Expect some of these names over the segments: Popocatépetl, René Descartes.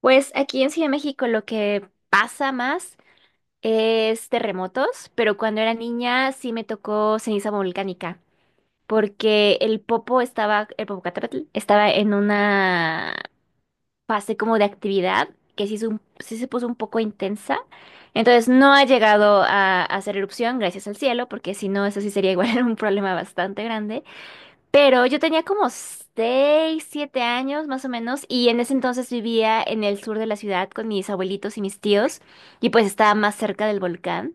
Pues aquí en Ciudad de México lo que pasa más es terremotos, pero cuando era niña sí me tocó ceniza volcánica, porque el Popocatépetl estaba en una fase como de actividad que sí, sí se puso un poco intensa. Entonces no ha llegado a hacer erupción, gracias al cielo, porque si no, eso sí sería igual un problema bastante grande. Pero yo tenía como 6, 7 años más o menos y en ese entonces vivía en el sur de la ciudad con mis abuelitos y mis tíos y pues estaba más cerca del volcán.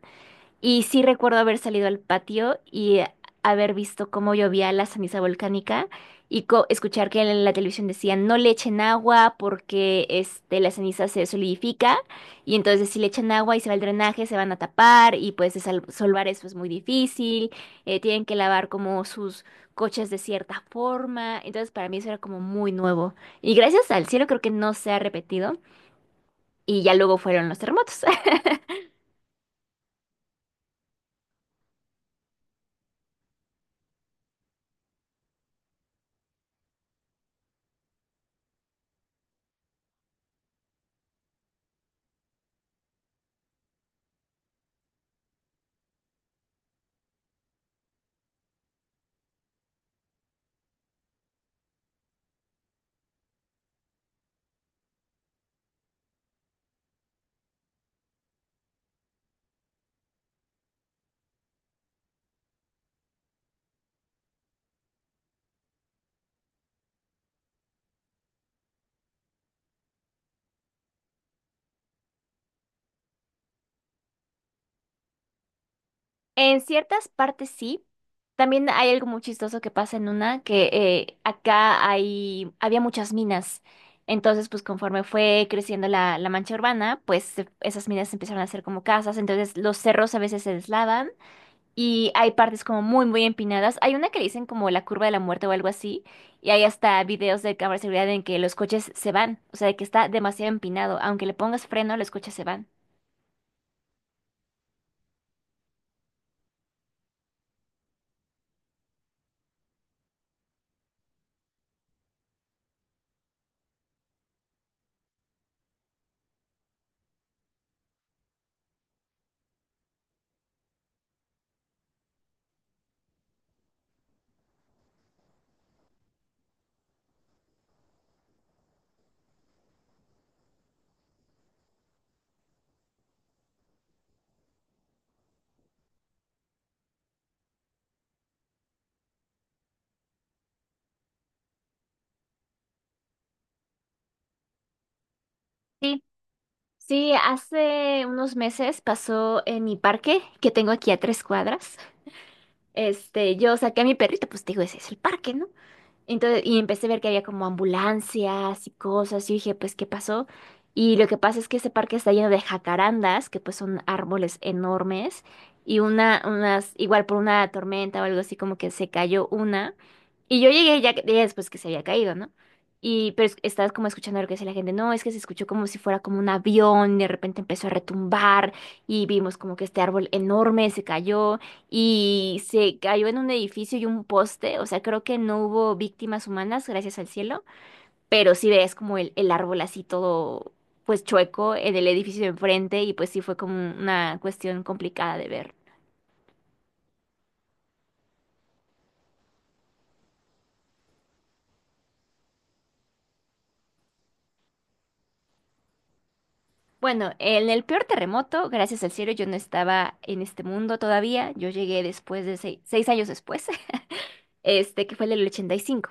Y sí recuerdo haber salido al patio y haber visto cómo llovía la ceniza volcánica y escuchar que en la televisión decían no le echen agua porque la ceniza se solidifica y entonces si le echan agua y se va el drenaje se van a tapar y pues eso es pues, muy difícil, tienen que lavar como sus coches de cierta forma, entonces para mí eso era como muy nuevo y gracias al cielo creo que no se ha repetido y ya luego fueron los terremotos. En ciertas partes sí. También hay algo muy chistoso que pasa en una, que acá había muchas minas. Entonces, pues conforme fue creciendo la, la mancha urbana, pues esas minas empezaron a ser como casas. Entonces, los cerros a veces se deslavan y hay partes como muy, muy empinadas. Hay una que le dicen como la curva de la muerte o algo así. Y hay hasta videos de cámara de seguridad en que los coches se van. O sea, de que está demasiado empinado. Aunque le pongas freno, los coches se van. Sí, sí, hace unos meses pasó en mi parque que tengo aquí a 3 cuadras. Yo saqué a mi perrito, pues te digo, ese es el parque, ¿no? Entonces, y empecé a ver que había como ambulancias y cosas. Y dije, pues, ¿qué pasó? Y lo que pasa es que ese parque está lleno de jacarandas, que pues son árboles enormes. Igual por una tormenta o algo así, como que se cayó una. Y yo llegué ya, ya después que se había caído, ¿no? Y pero estaba como escuchando lo que decía la gente, no, es que se escuchó como si fuera como un avión, y de repente empezó a retumbar y vimos como que este árbol enorme se cayó y se cayó en un edificio y un poste, o sea, creo que no hubo víctimas humanas, gracias al cielo, pero sí ves como el árbol así todo, pues chueco en el edificio de enfrente y pues sí fue como una cuestión complicada de ver. Bueno, en el peor terremoto, gracias al cielo, yo no estaba en este mundo todavía, yo llegué después de seis años después, este que fue el del 85.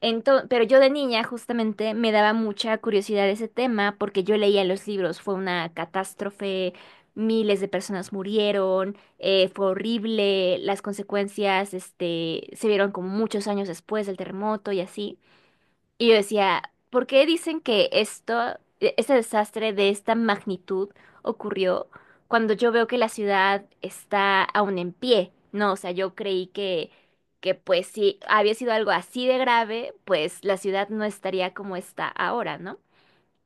Pero yo de niña justamente me daba mucha curiosidad ese tema porque yo leía los libros, fue una catástrofe, miles de personas murieron, fue horrible, las consecuencias, se vieron como muchos años después del terremoto y así. Y yo decía, ¿por qué dicen que esto, ese desastre de esta magnitud ocurrió cuando yo veo que la ciudad está aún en pie? No, o sea, yo creí que pues si había sido algo así de grave, pues la ciudad no estaría como está ahora, ¿no?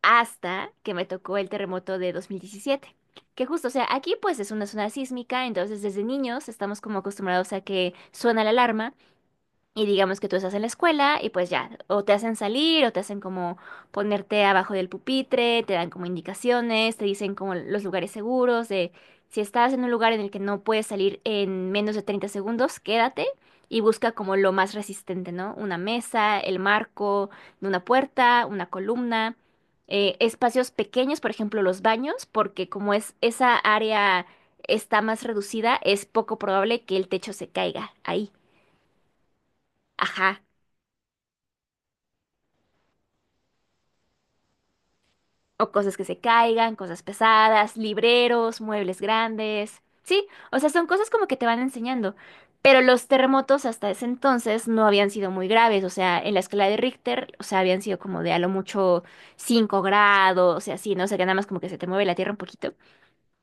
Hasta que me tocó el terremoto de dos mil diecisiete. Que justo, o sea, aquí pues es una zona sísmica, entonces desde niños estamos como acostumbrados a que suena la alarma. Y digamos que tú estás en la escuela y pues ya, o te hacen salir o te hacen como ponerte abajo del pupitre, te dan como indicaciones, te dicen como los lugares seguros, de si estás en un lugar en el que no puedes salir en menos de 30 segundos, quédate y busca como lo más resistente, ¿no? Una mesa, el marco de una puerta, una columna, espacios pequeños, por ejemplo, los baños, porque como es esa área está más reducida, es poco probable que el techo se caiga ahí. Ajá, o cosas que se caigan, cosas pesadas, libreros, muebles grandes. Sí, o sea, son cosas como que te van enseñando. Pero los terremotos hasta ese entonces no habían sido muy graves. O sea, en la escala de Richter, o sea, habían sido como de a lo mucho 5 grados, y así, ¿no? O sea, que nada más como que se te mueve la tierra un poquito.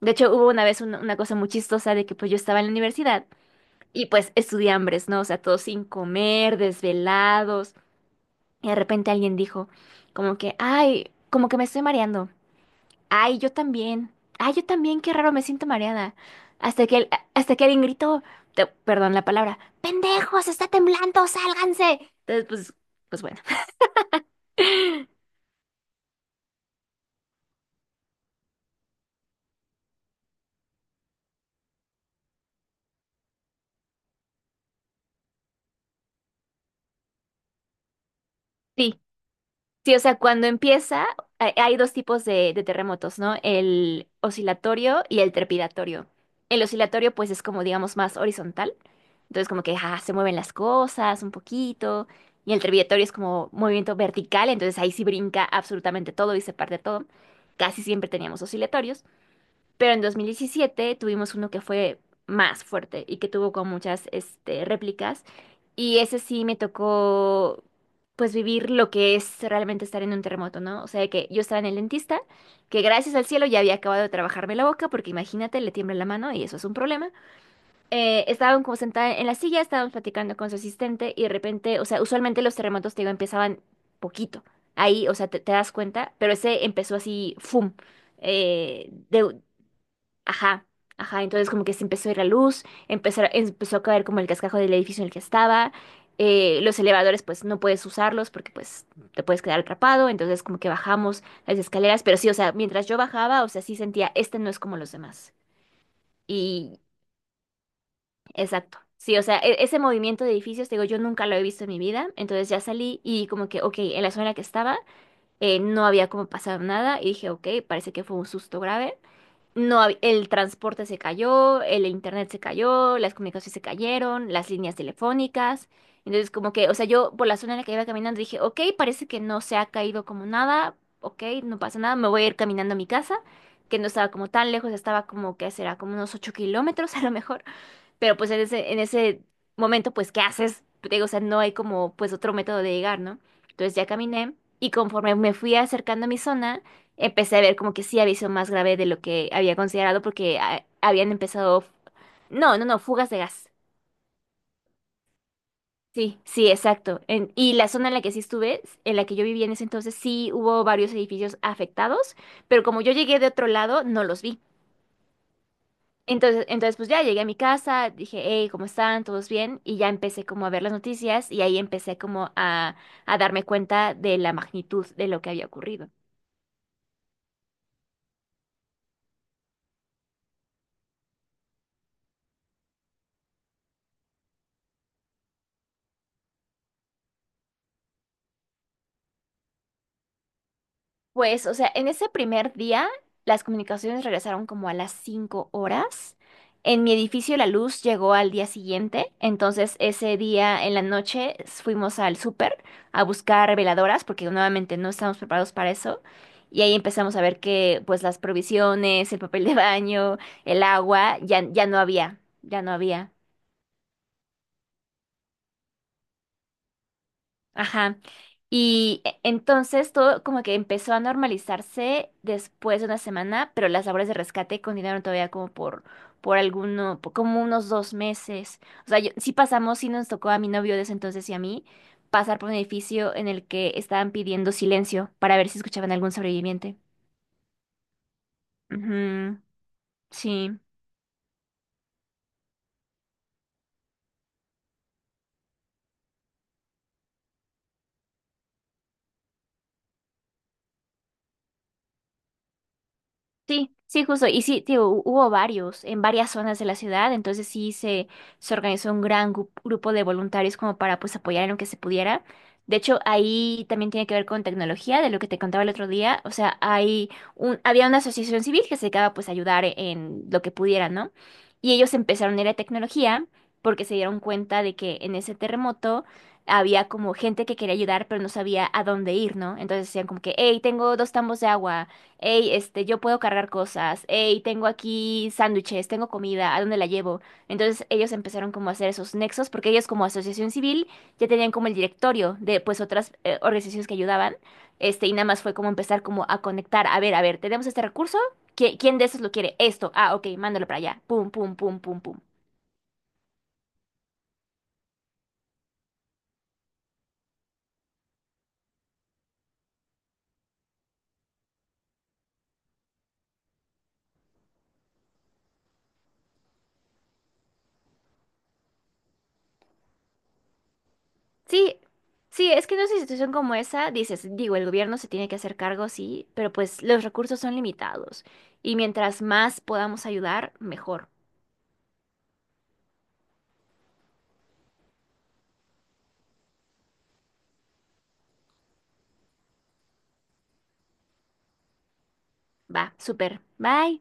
De hecho, hubo una vez una cosa muy chistosa de que pues yo estaba en la universidad y pues estudié hambres, ¿no? O sea, todos sin comer, desvelados. Y de repente alguien dijo como que, ay, como que me estoy mareando. Ay, yo también. Ay, yo también, qué raro, me siento mareada. Hasta que, hasta que alguien gritó, perdón la palabra, ¡pendejos, está temblando, sálganse! Entonces, pues, bueno. Sí, sí, o sea, cuando empieza, hay dos tipos de terremotos, ¿no? El oscilatorio y el trepidatorio. El oscilatorio, pues, es como, digamos, más horizontal. Entonces, como que ah, se mueven las cosas un poquito. Y el trepidatorio es como movimiento vertical, entonces ahí sí brinca absolutamente todo y se parte todo. Casi siempre teníamos oscilatorios. Pero en 2017 tuvimos uno que fue más fuerte y que tuvo como muchas réplicas. Y ese sí me tocó, pues, vivir lo que es realmente estar en un terremoto, ¿no? O sea, que yo estaba en el dentista, que gracias al cielo ya había acabado de trabajarme la boca, porque imagínate, le tiembla la mano y eso es un problema. Estaban como sentada en la silla, estábamos platicando con su asistente y de repente, o sea, usualmente los terremotos, te digo, empezaban poquito. Ahí, o sea, te das cuenta, pero ese empezó así, ¡fum! De, ajá, ajá, entonces como que se empezó a ir la luz, empezó a caer como el cascajo del edificio en el que estaba, los elevadores pues no puedes usarlos porque pues te puedes quedar atrapado, entonces como que bajamos las escaleras, pero sí, o sea, mientras yo bajaba, o sea, sí sentía, este no es como los demás. Y exacto, sí, o sea, ese movimiento de edificios, te digo, yo nunca lo he visto en mi vida, entonces ya salí y como que, ok, en la zona en la que estaba no había como pasado nada y dije, ok, parece que fue un susto grave. No, el transporte se cayó, el internet se cayó, las comunicaciones se cayeron, las líneas telefónicas. Entonces, como que, o sea, yo por la zona en la que iba caminando dije, ok, parece que no se ha caído como nada, ok, no pasa nada, me voy a ir caminando a mi casa, que no estaba como tan lejos, estaba como que será como unos 8 kilómetros a lo mejor. Pero pues en ese momento, pues, ¿qué haces? Te digo, o sea, no hay como pues otro método de llegar, ¿no? Entonces ya caminé y conforme me fui acercando a mi zona, empecé a ver como que sí había sido más grave de lo que había considerado porque habían empezado, no, no, no, fugas de gas. Sí, sí, exacto. Y la zona en la que sí estuve, en la que yo vivía en ese entonces, sí hubo varios edificios afectados, pero como yo llegué de otro lado, no los vi. Entonces, pues ya llegué a mi casa, dije, hey, ¿cómo están? ¿Todos bien? Y ya empecé como a ver las noticias y ahí empecé como a darme cuenta de la magnitud de lo que había ocurrido. Pues, o sea, en ese primer día las comunicaciones regresaron como a las 5 horas. En mi edificio la luz llegó al día siguiente, entonces ese día en la noche fuimos al súper a buscar veladoras porque nuevamente no estábamos preparados para eso. Y ahí empezamos a ver que pues las provisiones, el papel de baño, el agua, ya, ya no había, ya no había. Ajá. Y entonces todo como que empezó a normalizarse después de una semana, pero las labores de rescate continuaron todavía como por, por como unos 2 meses. O sea, yo- sí pasamos, sí nos tocó a mi novio de ese entonces y a mí pasar por un edificio en el que estaban pidiendo silencio para ver si escuchaban algún sobreviviente. Ujú, sí. Sí, sí, justo. Y sí, tío, hubo varios en varias zonas de la ciudad, entonces sí se organizó un gran grupo de voluntarios como para pues apoyar en lo que se pudiera. De hecho, ahí también tiene que ver con tecnología, de lo que te contaba el otro día. O sea, hay un, había una asociación civil que se dedicaba pues a ayudar en lo que pudiera, ¿no? Y ellos empezaron a ir a tecnología porque se dieron cuenta de que en ese terremoto había como gente que quería ayudar, pero no sabía a dónde ir, ¿no? Entonces decían como que, hey, tengo dos tambos de agua, hey, yo puedo cargar cosas, hey, tengo aquí sándwiches, tengo comida, ¿a dónde la llevo? Entonces ellos empezaron como a hacer esos nexos, porque ellos como asociación civil ya tenían como el directorio de pues otras organizaciones que ayudaban, y nada más fue como empezar como a conectar, a ver, tenemos este recurso, ¿quién de esos lo quiere? Esto, ah, ok, mándalo para allá, pum, pum, pum, pum, pum. Sí, sí, es que en una situación como esa, dices, digo, el gobierno se tiene que hacer cargo, sí, pero pues los recursos son limitados. Y mientras más podamos ayudar, mejor. Va, súper. Bye.